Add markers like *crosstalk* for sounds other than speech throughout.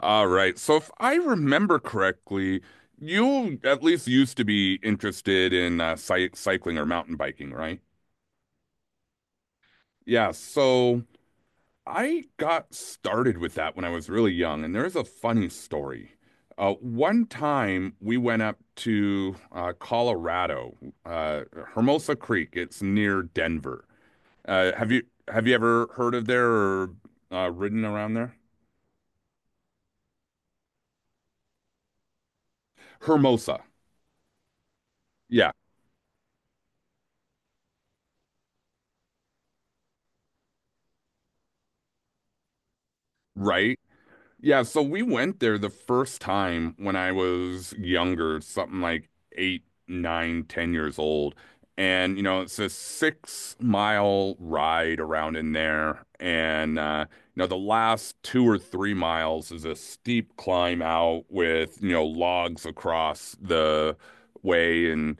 All right. So if I remember correctly, you at least used to be interested in cy cycling or mountain biking, right? Yeah. So I got started with that when I was really young, and there's a funny story. One time we went up to Colorado, uh, Hermosa Creek. It's near Denver. Uh, have you have you ever heard of there or ridden around there? Hermosa. Yeah. Right. Yeah, so we went there the first time when I was younger, something like 8, 9, 10 years old. And, you know, it's a 6 mile ride around in there. And, you know, the last 2 or 3 miles is a steep climb out with, you know, logs across the way. And,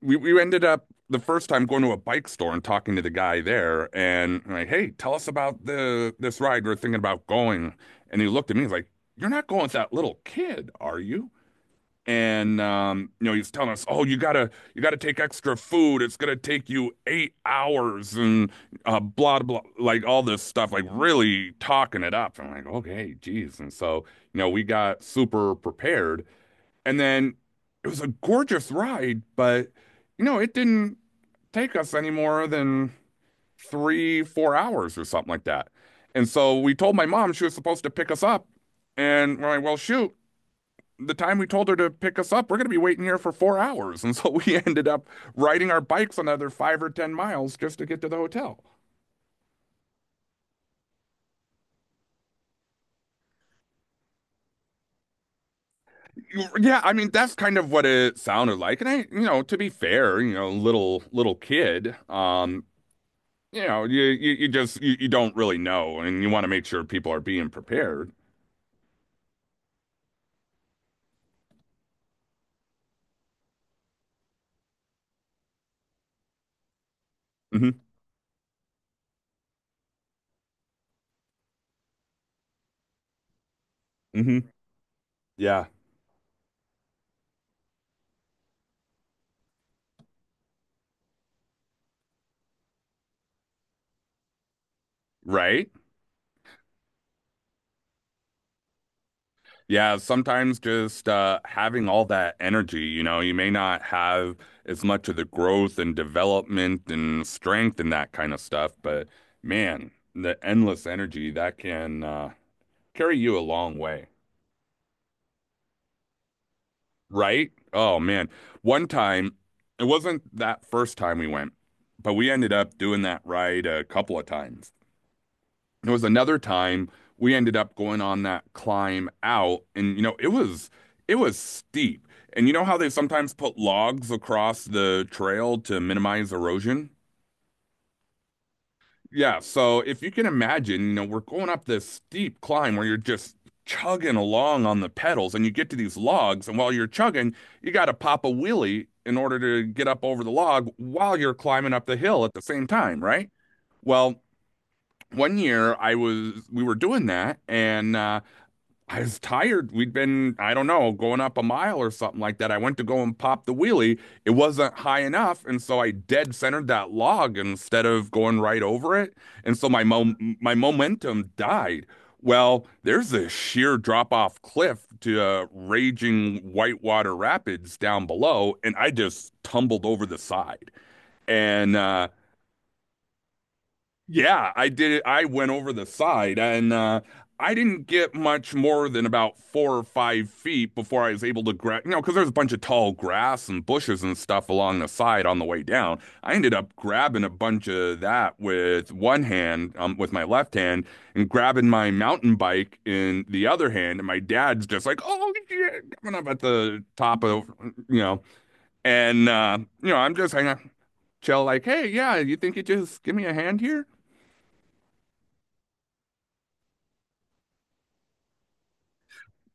we ended up the first time going to a bike store and talking to the guy there and I'm like, hey, tell us about the this ride we're thinking about going. And he looked at me, he's like, you're not going with that little kid, are you? And you know, he's telling us, oh, you gotta take extra food. It's gonna take you 8 hours and blah blah, like all this stuff, like really talking it up. I'm like, okay, geez. And so, you know, we got super prepared. And then it was a gorgeous ride, but you know, it didn't take us any more than 3, 4 hours or something like that. And so we told my mom she was supposed to pick us up. And we're like, well, shoot, the time we told her to pick us up, we're going to be waiting here for 4 hours. And so we *laughs* ended up riding our bikes another 5 or 10 miles just to get to the hotel. Yeah, I mean that's kind of what it sounded like. And I, you know, to be fair, you know, little kid, you know, you don't really know, and you want to make sure people are being prepared. Hmm. Hmm. Yeah. Right. Yeah. Sometimes just having all that energy, you know, you may not have as much of the growth and development and strength and that kind of stuff, but man, the endless energy that can carry you a long way. Right. Oh man. One time, it wasn't that first time we went, but we ended up doing that ride a couple of times. There was another time we ended up going on that climb out, and you know, it was steep. And you know how they sometimes put logs across the trail to minimize erosion? Yeah, so if you can imagine, you know, we're going up this steep climb where you're just chugging along on the pedals and you get to these logs, and while you're chugging, you got to pop a wheelie in order to get up over the log while you're climbing up the hill at the same time, right? Well, one year I was we were doing that and I was tired. We'd been, I don't know, going up a mile or something like that. I went to go and pop the wheelie. It wasn't high enough, and so I dead centered that log instead of going right over it. And so my momentum died. Well, there's a sheer drop off cliff to raging whitewater rapids down below, and I just tumbled over the side. And yeah, I did it. I went over the side and I didn't get much more than about 4 or 5 feet before I was able to grab, you know, because there's a bunch of tall grass and bushes and stuff along the side on the way down. I ended up grabbing a bunch of that with one hand, with my left hand, and grabbing my mountain bike in the other hand. And my dad's just like, oh, yeah, coming up at the top of, you know, and, you know, I'm just hanging out, chill, like, hey, yeah, you think you just give me a hand here?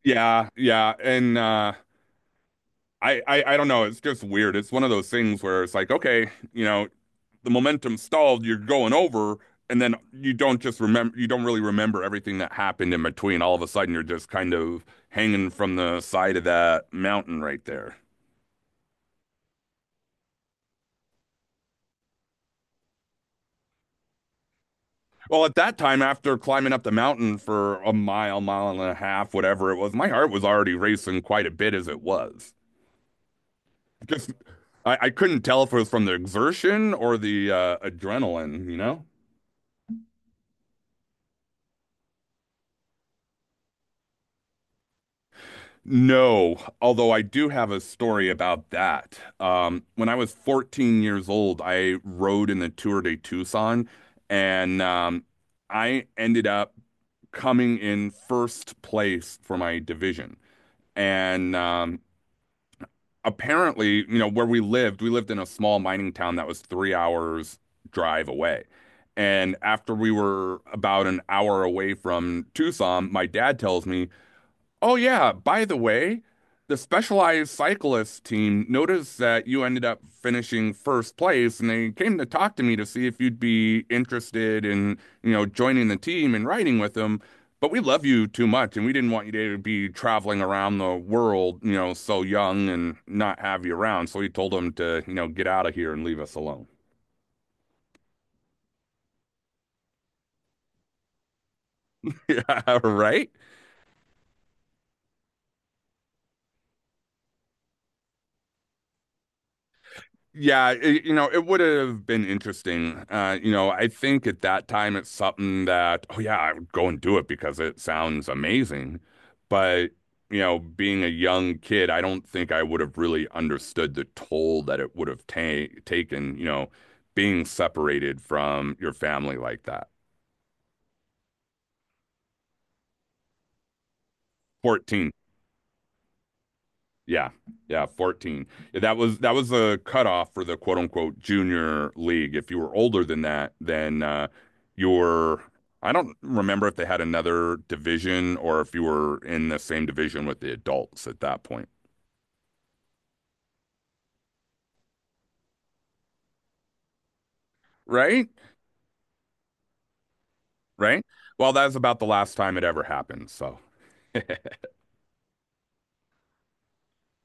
Yeah, yeah. And I don't know, it's just weird. It's one of those things where it's like, okay, you know, the momentum stalled, you're going over, and then you don't really remember everything that happened in between. All of a sudden you're just kind of hanging from the side of that mountain right there. Well, at that time, after climbing up the mountain for a mile, mile and a half, whatever it was, my heart was already racing quite a bit as it was. Just I couldn't tell if it was from the exertion or the adrenaline, you know? No, although I do have a story about that. When I was 14 years old, I rode in the Tour de Tucson, and I ended up coming in first place for my division. And apparently, you know, where we lived in a small mining town that was 3 hours drive away. And after we were about an hour away from Tucson, my dad tells me, oh yeah, by the way, the specialized cyclist team noticed that you ended up finishing first place and they came to talk to me to see if you'd be interested in, you know, joining the team and riding with them. But we love you too much and we didn't want you to be traveling around the world, you know, so young and not have you around. So we told them to, you know, get out of here and leave us alone. *laughs* Yeah, right? Yeah, it would have been interesting. You know, I think at that time it's something that, oh yeah, I would go and do it because it sounds amazing. But, you know, being a young kid, I don't think I would have really understood the toll that it would have ta taken, you know, being separated from your family like that. 14. Yeah, yeah, 14. Yeah, that was the cutoff for the quote unquote junior league. If you were older than that, then you were. I don't remember if they had another division or if you were in the same division with the adults at that point. Right, right. Well, that's about the last time it ever happened. So,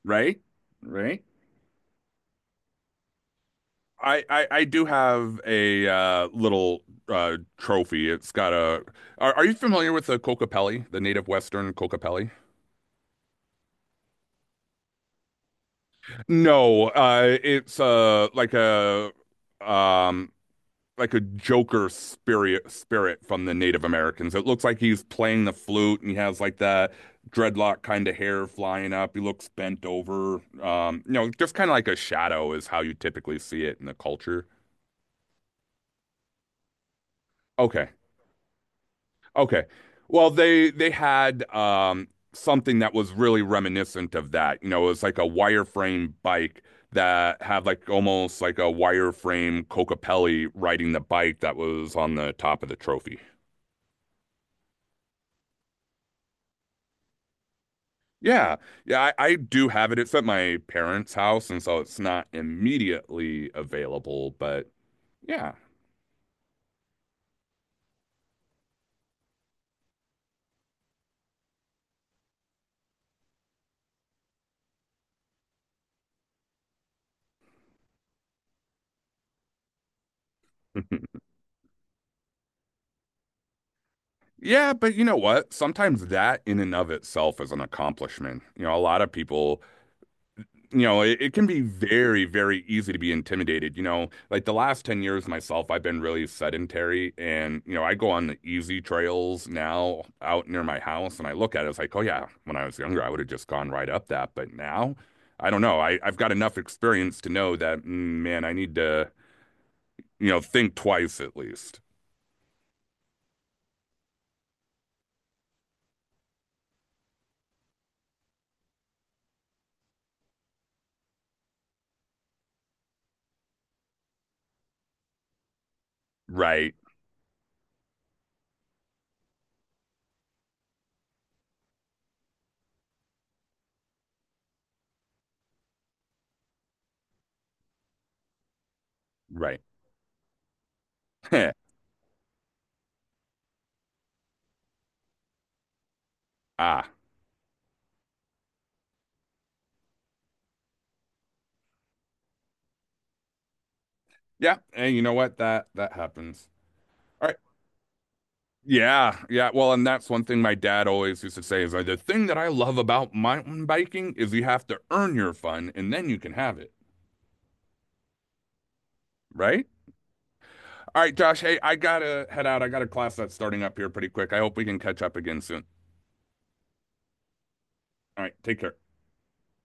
right, right. I do have a little trophy. It's got a. Are you familiar with the Kokapelli, the native Western Kokapelli? No, it's um like a Joker spirit from the Native Americans. It looks like he's playing the flute and he has like that dreadlock kind of hair flying up. He looks bent over. You know, just kind of like a shadow is how you typically see it in the culture. Okay. Okay. Well, they had something that was really reminiscent of that. You know, it was like a wireframe bike that had like almost like a wireframe Cocapelli riding the bike that was on the top of the trophy. Yeah. Yeah, I do have it. It's at my parents' house, and so it's not immediately available, but yeah. *laughs* Yeah, but you know what? Sometimes that in and of itself is an accomplishment. You know, a lot of people, you know, it can be very, very easy to be intimidated. You know, like the last 10 years myself, I've been really sedentary and, you know, I go on the easy trails now out near my house and I look at it, it's like, oh yeah, when I was younger, I would have just gone right up that. But now, I don't know. I've got enough experience to know that, man, I need to, you know, think twice at least. Right, right. *laughs* Ah, yeah. And you know what? That happens. All right. Yeah, yeah. Well, and that's one thing my dad always used to say is like, the thing that I love about mountain biking is you have to earn your fun and then you can have it, right? All right, Josh, hey, I gotta head out. I got a class that's starting up here pretty quick. I hope we can catch up again soon. All right, take care.